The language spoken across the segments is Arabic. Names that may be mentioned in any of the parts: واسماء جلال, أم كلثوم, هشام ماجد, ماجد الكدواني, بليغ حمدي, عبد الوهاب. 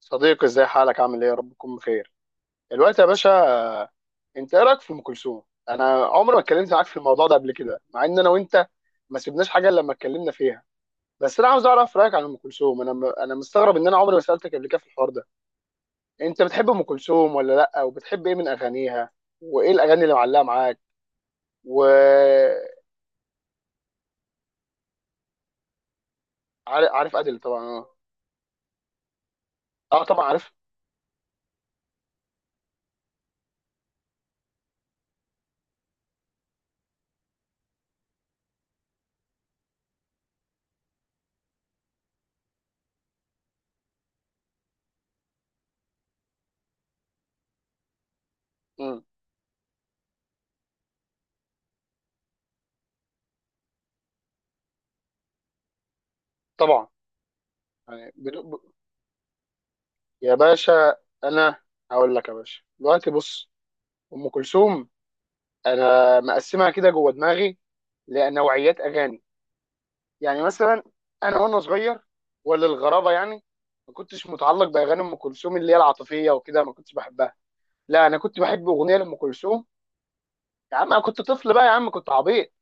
صديقي ازاي حالك عامل ايه؟ يا رب تكون بخير دلوقتي يا باشا. آه، انت ايه رايك في ام كلثوم؟ انا عمري ما اتكلمت معاك في الموضوع ده قبل كده، مع ان انا وانت ما سيبناش حاجه الا لما اتكلمنا فيها. بس انا عاوز اعرف رايك عن ام كلثوم. انا مستغرب ان انا عمري ما سالتك قبل كده في الحوار ده. انت بتحب ام كلثوم ولا لا؟ وبتحب ايه من اغانيها؟ وايه الاغاني اللي معلقه معاك؟ و عارف ادل طبعا اه. اه طبعا عارف. امم طبعا. يعني بدو... ب... يا باشا انا هقول لك يا باشا دلوقتي، بص. ام كلثوم انا مقسمها كده جوه دماغي لنوعيات اغاني. يعني مثلا انا وانا صغير، ولا الغرابه يعني، ما كنتش متعلق باغاني ام كلثوم اللي هي العاطفيه وكده، ما كنتش بحبها. لا انا كنت بحب اغنيه لام كلثوم. يا عم انا كنت طفل بقى يا عم، كنت عبيط.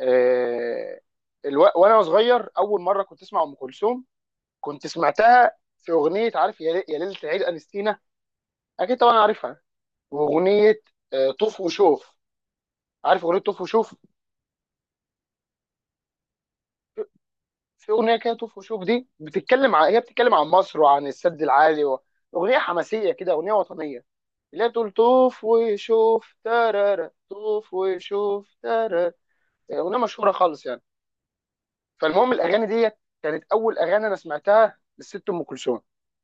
آه وانا صغير اول مره كنت اسمع ام كلثوم، كنت سمعتها في اغنيه، عارف، يا ليله العيد انستينا. اكيد طبعا عارفها. واغنيه آه طوف وشوف. عارف اغنيه طوف وشوف؟ في اغنيه كده طوف وشوف دي بتتكلم عن، هي بتتكلم عن مصر وعن السد العالي و... اغنيه حماسيه كده، اغنيه وطنيه، اللي هي بتقول طوف وشوف ترارا طوف وشوف ترارا. اغنيه مشهوره خالص يعني. فالمهم الاغاني دي كانت اول اغاني انا سمعتها للست ام كلثوم.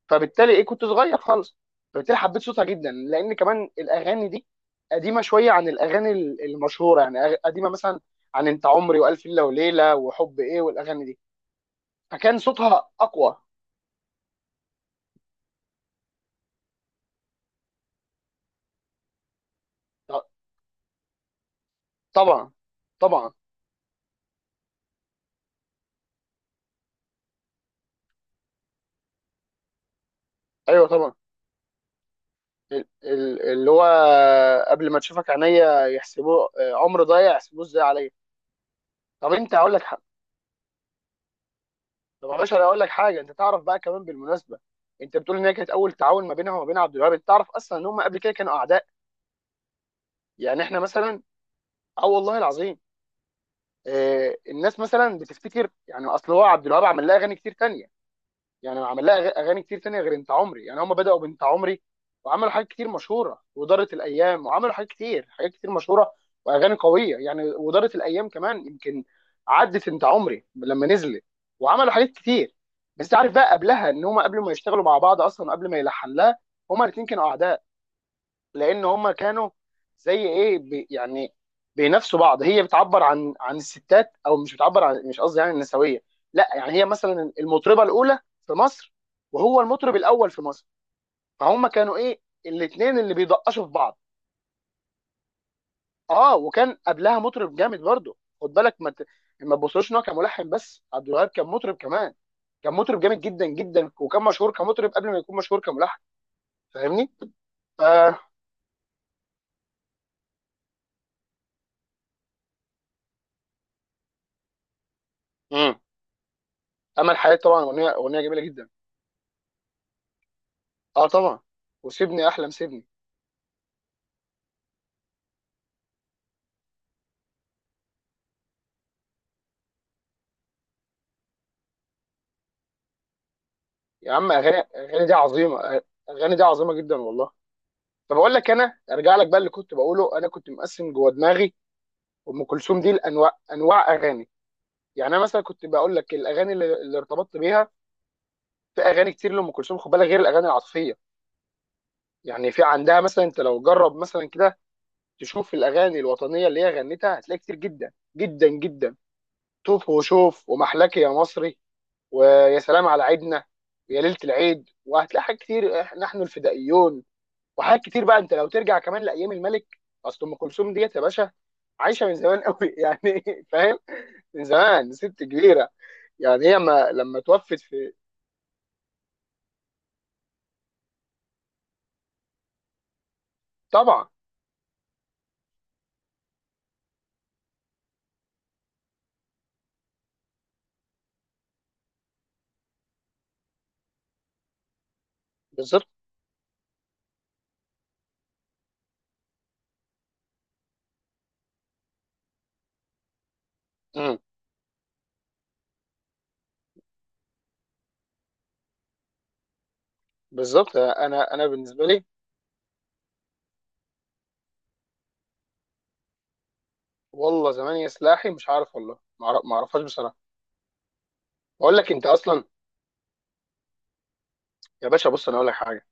فبالتالي ايه، كنت صغير خالص، فبالتالي حبيت صوتها جدا، لان كمان الاغاني دي قديمه شويه عن الاغاني المشهوره، يعني قديمه مثلا عن انت عمري والف ليله وليله وحب ايه والاغاني دي. فكان صوتها اقوى. طبعا. طبعا. ايوه طبعا. اللي هو قبل ما تشوفك عينيا يحسبوه عمر ضايع، يحسبوه ازاي عليا. طب انت هقول لك حاجه، طب يا باشا انا هقول لك حاجه. انت تعرف بقى كمان بالمناسبه، انت بتقول ان هي كانت اول تعاون ما بينها وما بين عبد الوهاب، انت تعرف اصلا ان هم قبل كده كانوا اعداء؟ يعني احنا مثلا، اه والله العظيم. الناس مثلا بتفتكر، يعني اصل هو عبد الوهاب عمل لها اغاني كتير تانية. يعني عمل لها اغاني كتير تانية غير انت عمري. يعني هم بدأوا بانت عمري وعملوا حاجات كتير مشهورة، ودارت الايام وعملوا حاجات كتير، حاجات كتير مشهورة واغاني قوية يعني. ودارت الايام كمان، يمكن عدت انت عمري لما نزلت وعملوا حاجات كتير. بس عارف بقى قبلها، ان هم قبل ما يشتغلوا مع بعض اصلا، قبل ما يلحن لها، هما الاتنين كانوا اعداء. لان هما كانوا زي ايه بي يعني، بينافسوا بعض. هي بتعبر عن، عن الستات، او مش بتعبر عن، مش قصدي يعني النسويه، لا يعني هي مثلا المطربه الاولى في مصر، وهو المطرب الاول في مصر، فهم كانوا ايه، الاثنين اللي بيدقشوا في بعض. اه وكان قبلها مطرب جامد برضه، خد بالك، ما تبصوش ان هو كان ملحن بس، عبد الوهاب كان مطرب كمان. كان مطرب جامد جدا جدا، وكان مشهور كمطرب قبل ما يكون مشهور كملحن. فاهمني؟ ف... مم. امل حياة طبعا اغنيه، اغنيه جميله جدا. اه طبعا. وسيبني احلم سيبني. يا عم اغاني، اغاني دي عظيمه، اغاني دي عظيمه جدا والله. طب اقول لك، انا ارجع لك بقى اللي كنت بقوله. انا كنت مقسم جوه دماغي ام كلثوم دي لانواع، انواع اغاني. يعني انا مثلا كنت بقول لك الاغاني اللي ارتبطت بيها. في اغاني كتير لام كلثوم خد بالك، غير الاغاني العاطفيه. يعني في عندها مثلا، انت لو جرب مثلا كده تشوف الاغاني الوطنيه اللي هي غنتها، هتلاقي كتير جدا جدا جدا. طوف وشوف، ومحلك يا مصري، ويا سلام على عيدنا، ويا ليله العيد، وهتلاقي حاجات كتير، نحن الفدائيون، وحاجات كتير بقى. انت لو ترجع كمان لايام الملك، اصل ام كلثوم ديت يا باشا عايشه من زمان قوي يعني فاهم، من زمان، ست كبيره. يعني هي ما لما توفت في. طبعا. بالظبط. مم. بالظبط. انا بالنسبه لي، والله زمان يا سلاحي مش عارف، والله ما اعرفهاش بصراحه. بقول لك انت اصلا، يا باشا بص انا اقول لك حاجه.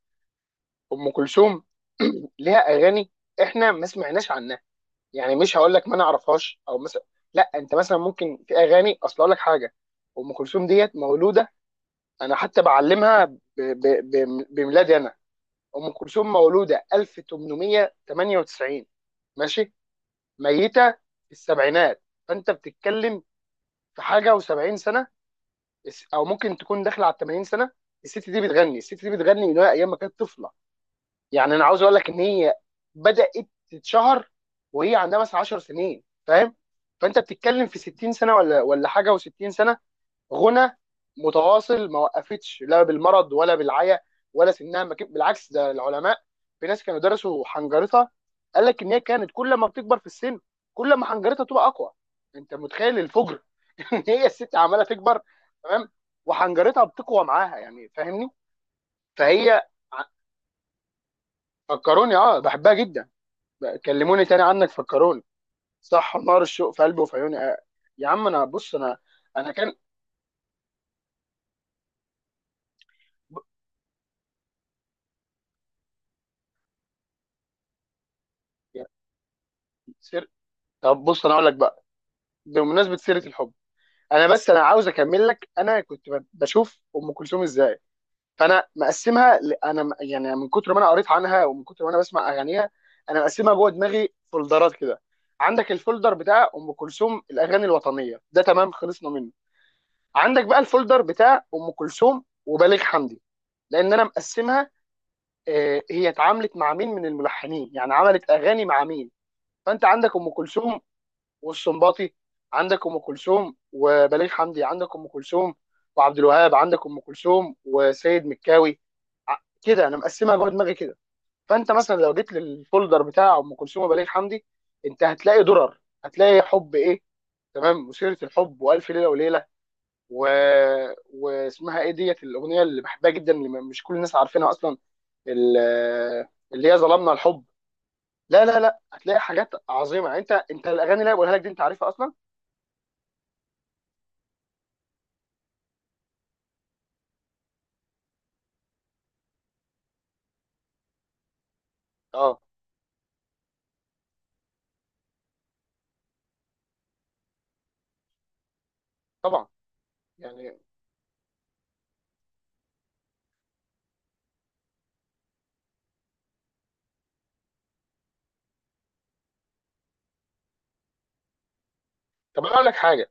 ام كلثوم ليها اغاني احنا ما سمعناش عنها. يعني مش هقول لك ما انا اعرفهاش او مثلا، لا، انت مثلا ممكن في اغاني. اصل اقول لك حاجه، ام كلثوم ديت مولوده، انا حتى بعلمها بميلادي انا. ام كلثوم مولوده 1898، ماشي؟ ميته في السبعينات، فانت بتتكلم في حاجه و70 سنه، او ممكن تكون داخله على 80 سنه. الست دي بتغني، الست دي بتغني من وهي ايام ما كانت طفله. يعني انا عاوز اقول لك ان هي بدات تتشهر وهي عندها مثلا 10 سنين، فاهم؟ فانت بتتكلم في 60 سنه ولا حاجه و60 سنه، غنى متواصل ما وقفتش لا بالمرض ولا بالعيا ولا سنها ما بالعكس، ده العلماء، في ناس كانوا درسوا حنجرتها، قال لك ان هي كانت كل ما بتكبر في السن، كل ما حنجرتها تبقى اقوى. انت متخيل الفجر ان هي الست عماله تكبر، تمام، وحنجرتها بتقوى معاها، يعني فاهمني. فهي ع- فكروني، اه بحبها جدا، كلموني تاني عنك فكروني، صح، نار الشوق في قلبي وفي عيوني، يا عم انا بص انا، انا كان ب- يعني سير طب بص انا اقول لك بقى، بمناسبه سيره الحب، انا بس انا عاوز اكمل لك. انا كنت بشوف ام كلثوم ازاي. فانا مقسمها ل- انا م- يعني من كتر ما انا قريت عنها، ومن كتر ما انا بسمع اغانيها، انا مقسمها جوه دماغي فولدرات كده. عندك الفولدر بتاع ام كلثوم الاغاني الوطنيه، ده تمام خلصنا منه. عندك بقى الفولدر بتاع ام كلثوم وبليغ حمدي، لان انا مقسمها هي اتعاملت مع مين من الملحنين، يعني عملت اغاني مع مين. فانت عندك ام كلثوم والسنباطي، عندك ام كلثوم وبليغ حمدي، عندك ام كلثوم وعبد الوهاب، عندك ام كلثوم وسيد مكاوي، كده انا مقسمها جوه دماغي كده. فانت مثلا لو جيت للفولدر بتاع ام كلثوم وبليغ حمدي، انت هتلاقي درر، هتلاقي حب ايه، تمام، وسيره الحب، والف ليله وليله، و... واسمها ايه ديت الاغنيه اللي بحبها جدا اللي مش كل الناس عارفينها اصلا، ال- اللي هي ظلمنا الحب. لا لا لا هتلاقي حاجات عظيمه يعني. انت، انت الاغاني اللي أنا بقولها لك دي انت عارفها اصلا. اه طبعا. يعني طب انا اقول لك حاجه،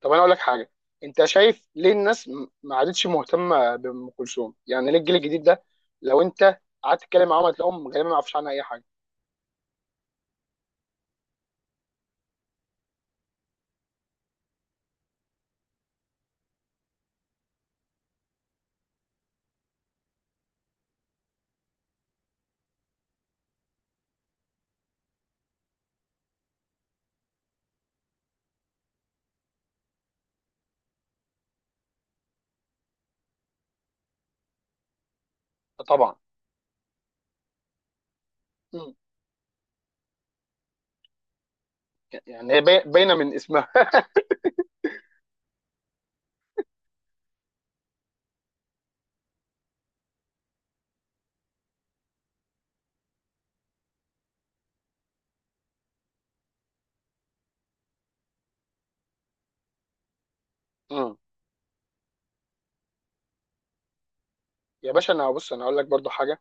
طب انا اقول لك حاجه. انت شايف ليه الناس ما عادتش مهتمه بام كلثوم؟ يعني ليه الجيل الجديد ده، لو انت قعدت تتكلم معاهم هتلاقيهم غالبا ما يعرفوش عنها اي حاجه. طبعا. مم. يعني هي باينه من اسمها مم. يا باشا انا بص انا اقول لك برضو حاجه.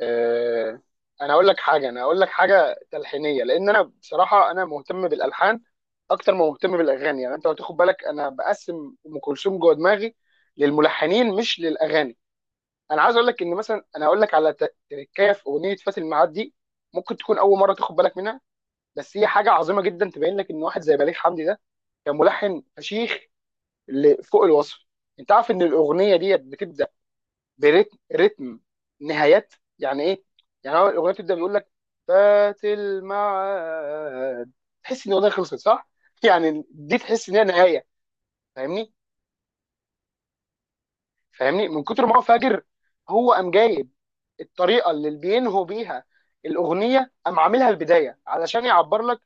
آه، انا اقول لك حاجه، انا اقول لك حاجه تلحينيه، لان انا بصراحه انا مهتم بالالحان اكتر ما مهتم بالاغاني. يعني انت لو تاخد بالك انا بقسم ام كلثوم جوه دماغي للملحنين مش للاغاني. انا عايز اقول لك ان مثلا انا اقول لك على تركايه في اغنيه فات الميعاد دي، ممكن تكون اول مره تاخد بالك منها. بس هي حاجه عظيمه جدا تبين لك ان واحد زي بليغ حمدي ده كان ملحن فشيخ، فوق الوصف. انت عارف ان الاغنيه دي بتبدا برتم رتم نهايات يعني ايه؟ يعني هو الاغنيه بتبدا بيقول لك فات الميعاد، تحس ان الاغنيه خلصت صح يعني دي تحس ان هي نهايه، فاهمني؟ فاهمني، من كتر ما هو فاجر هو قام جايب الطريقه اللي بينهوا بيها الاغنيه قام عاملها البدايه، علشان يعبر لك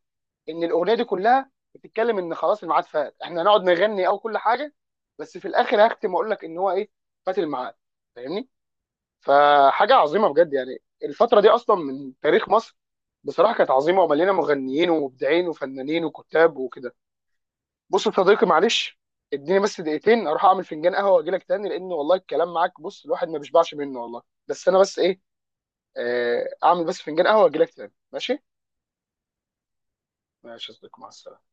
ان الاغنيه دي كلها بتتكلم ان خلاص الميعاد فات، احنا هنقعد نغني او كل حاجه، بس في الاخر هختم واقول لك ان هو ايه، فات الميعاد، فاهمني. فحاجه عظيمه بجد يعني. الفتره دي اصلا من تاريخ مصر بصراحه كانت عظيمه ومليانه مغنيين ومبدعين وفنانين وكتاب وكده. بص يا صديقي معلش، اديني بس دقيقتين اروح اعمل فنجان قهوه واجي لك تاني، لان والله الكلام معاك، بص، الواحد ما بيشبعش منه والله. بس انا بس ايه آه، اعمل بس فنجان قهوه واجي لك تاني، ماشي؟ ماشي يا صديقي، مع السلامه.